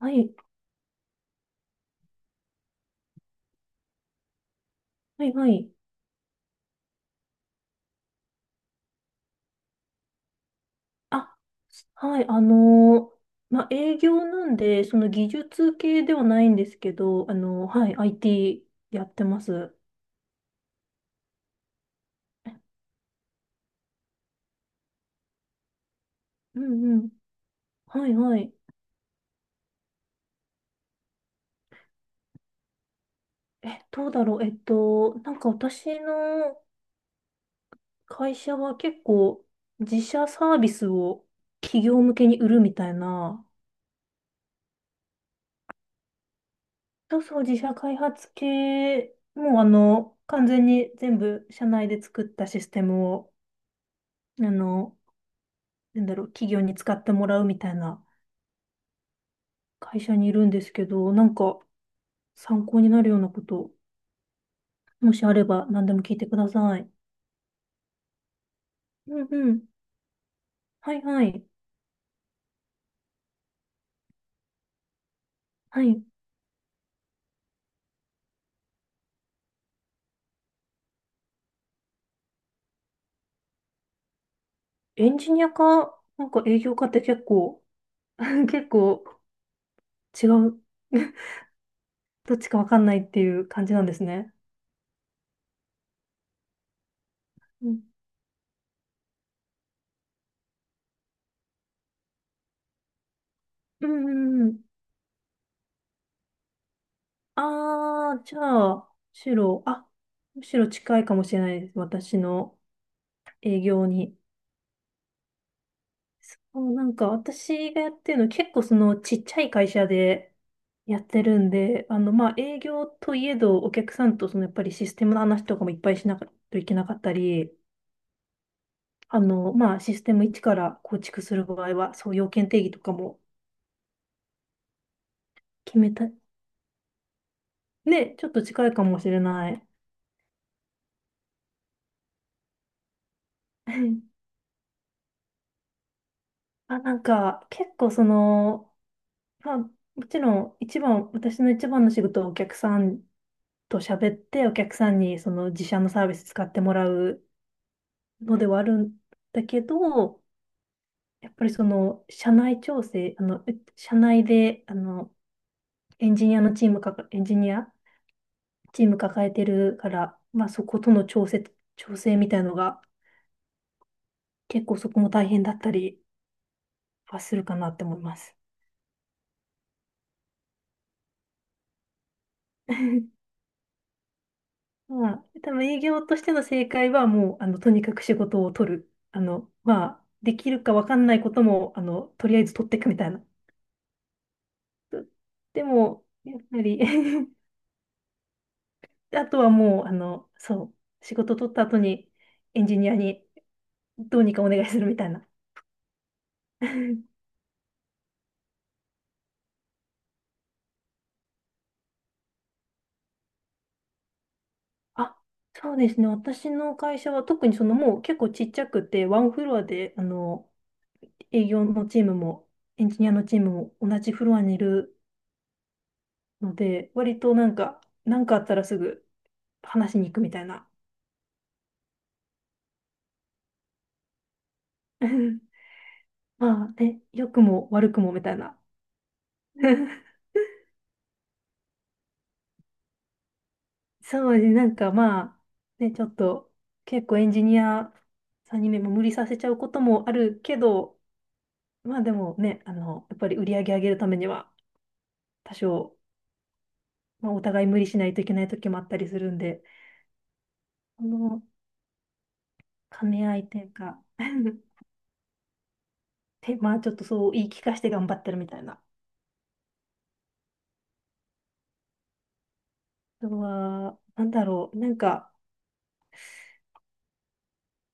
はい、はい、はい。あ、はい、まあ、営業なんで、その技術系ではないんですけど、はい、IT やってます。うんうん。はい、はい。え、どうだろう。なんか私の会社は結構自社サービスを企業向けに売るみたいな、そうそう、自社開発系、もうあの、完全に全部社内で作ったシステムを、あの、なんだろう、企業に使ってもらうみたいな会社にいるんですけど、なんか参考になるようなこと、もしあれば何でも聞いてください。うんうん。はいはい。はい。エンジニアか、なんか営業かって結構、結構違う、どっちかわかんないっていう感じなんですね。うん。うんうんうん。あー、じゃあ、むしろ、あ、むしろ近いかもしれないです。私の営業に。そう、なんか私がやってるの結構そのちっちゃい会社でやってるんで、あのまあ営業といえどお客さんとそのやっぱりシステムの話とかもいっぱいしなきゃいけなかったり、あのまあシステム一から構築する場合はそう要件定義とかも決めた。ね、ちょっと近いかもしれない。うん、あ、なんか結構その、まあもちろん一番、私の一番の仕事はお客さんと喋ってお客さんにその自社のサービス使ってもらうのではあるんだけど、やっぱりその社内調整、社内で、エンジニアのチームか、エンジニアチーム抱えてるから、まあそことの調整みたいのが結構そこも大変だったりはするかなって思います。まあ、多分営業としての正解はもう、あの、とにかく仕事を取る。あの、まあ、できるかわかんないことも、あの、とりあえず取っていくみたいな。でも、やっぱり あとはもう、仕事取った後にエンジニアにどうにかお願いするみたいな。あ、そうですね。私の会社は特にそのもう結構ちっちゃくて、ワンフロアで、あの、営業のチームもエンジニアのチームも同じフロアにいるので、割となんか、なんかあったらすぐ話しに行くみたいな。まあね、良くも悪くもみたいな。そうですね、なんかまあ、ね、ちょっと結構エンジニアさんにね、もう無理させちゃうこともあるけど、まあでもね、あの、やっぱり売り上げ上げるためには多少、まあ、お互い無理しないといけない時もあったりするんで、この兼ね合いというか で、まあちょっとそう言い聞かせて頑張ってるみたいな。あとは、なんだろう、なんか、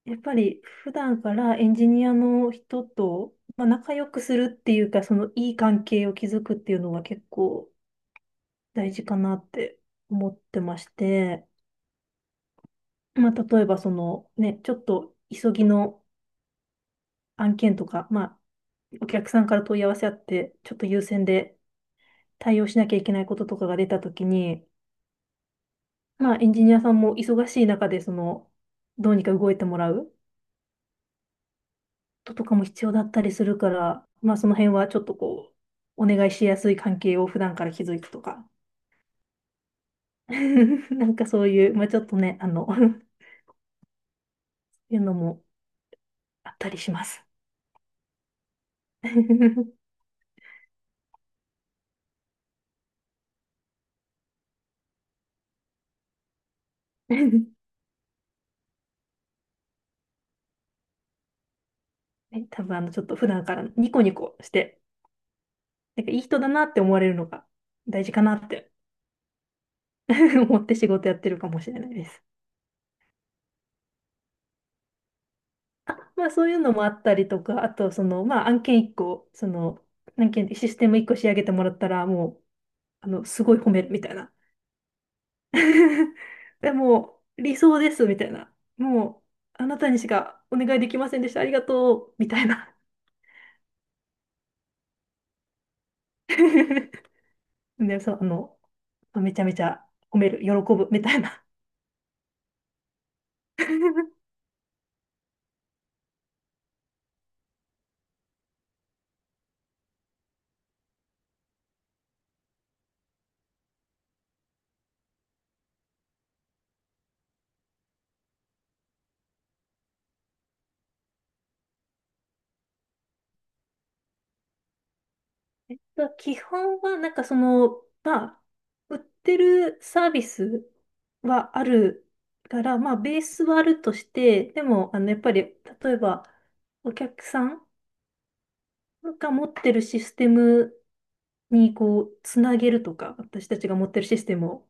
やっぱり普段からエンジニアの人と、まあ、仲良くするっていうか、そのいい関係を築くっていうのは結構、大事かなって思ってまして、まあ、例えばそのね、ちょっと急ぎの案件とか、まあ、お客さんから問い合わせあって、ちょっと優先で対応しなきゃいけないこととかが出たときに、まあ、エンジニアさんも忙しい中で、その、どうにか動いてもらうこととかも必要だったりするから、まあ、その辺はちょっとこう、お願いしやすい関係を普段から築いてとか、なんかそういう、まあ、ちょっとね、あの、いうのもあったりします。ね、多分あの、ちょっと普段からニコニコして、なんかいい人だなって思われるのが大事かなって 思って仕事やってるかもしれないです。あ、まあそういうのもあったりとか、あとその、まあ案件1個、その、案件、システム1個仕上げてもらったら、もう、あの、すごい褒めるみたいな。でもう、理想ですみたいな。もう、あなたにしかお願いできませんでした。ありがとうみたいな。で、そう、あの、めちゃめちゃ褒める、喜ぶみたいな。まあ基本は、なんかその、まあ、売ってるサービスはあるから、まあ、ベースはあるとして、でも、あの、やっぱり、例えば、お客さんが持ってるシステムに、こう、つなげるとか、私たちが持ってるシステムを、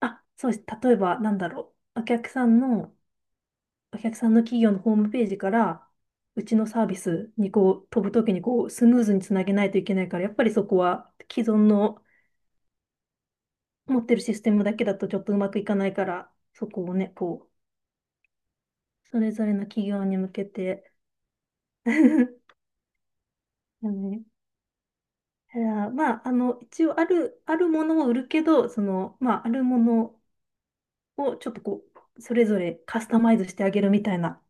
あ、そうです。例えば、なんだろう。お客さんの企業のホームページから、うちのサービスにこう飛ぶときにこうスムーズにつなげないといけないから、やっぱりそこは既存の持ってるシステムだけだとちょっとうまくいかないから、そこをね、こう、それぞれの企業に向けて だね、いやまあ、あの、一応ある、あるものを売るけど、その、まあ、あるものをちょっとこう、それぞれカスタマイズしてあげるみたいな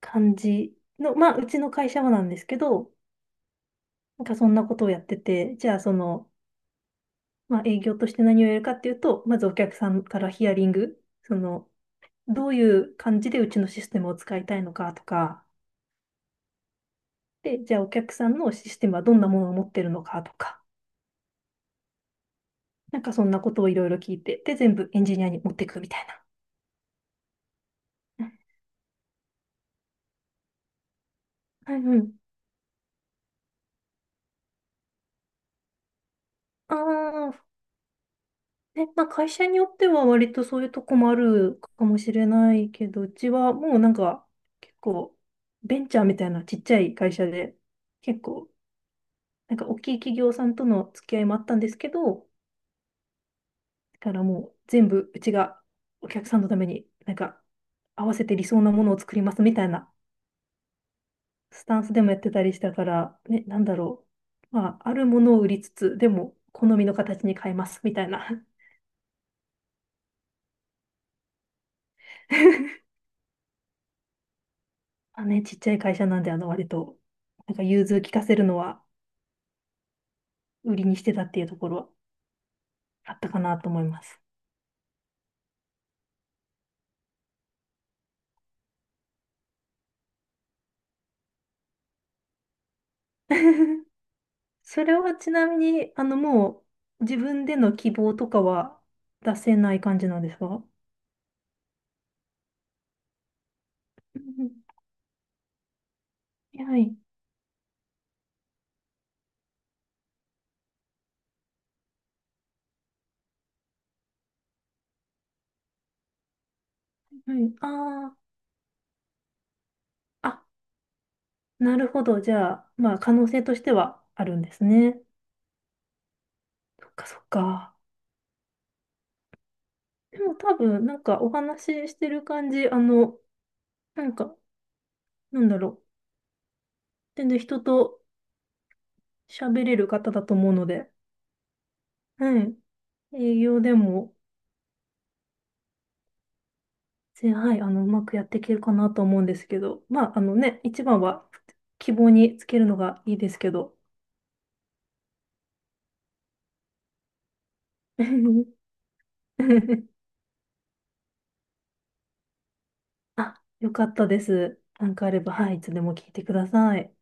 感じの、まあ、うちの会社はなんですけど、なんかそんなことをやってて、じゃあその、まあ、営業として何をやるかっていうと、まずお客さんからヒアリング、その、どういう感じでうちのシステムを使いたいのかとか、で、じゃあお客さんのシステムはどんなものを持ってるのかとか、なんかそんなことをいろいろ聞いて、で、全部エンジニアに持っていくみたいな。うん、はい、うん。ああ、ね、まあ会社によっては割とそういうとこもあるかもしれないけど、うちはもうなんか結構ベンチャーみたいなちっちゃい会社で、結構なんか大きい企業さんとの付き合いもあったんですけど、だからもう全部うちがお客さんのためになんか合わせて理想なものを作りますみたいなスタンスでもやってたりしたから、ね、なんだろう。まあ、あるものを売りつつ、でも、好みの形に変えます、みたいな。あ、ね、ちっちゃい会社なんで、あの、割と、なんか、融通聞かせるのは、売りにしてたっていうところは、あったかなと思います。それはちなみに、あの、もう、自分での希望とかは出せない感じなんですか？うん、は い。はい。ああ、あ、なるほど。じゃあ、まあ、可能性としてはあるんですね。そっか、そっか。でも多分、なんかお話ししてる感じ、あの、なんか、なんだろう。全然人と喋れる方だと思うので、はい。営業でも、はい、あの、うまくやっていけるかなと思うんですけど、まあ、あのね、一番は希望につけるのがいいですけど。あ、よかったです。なんかあれば、はい、いつでも聞いてください。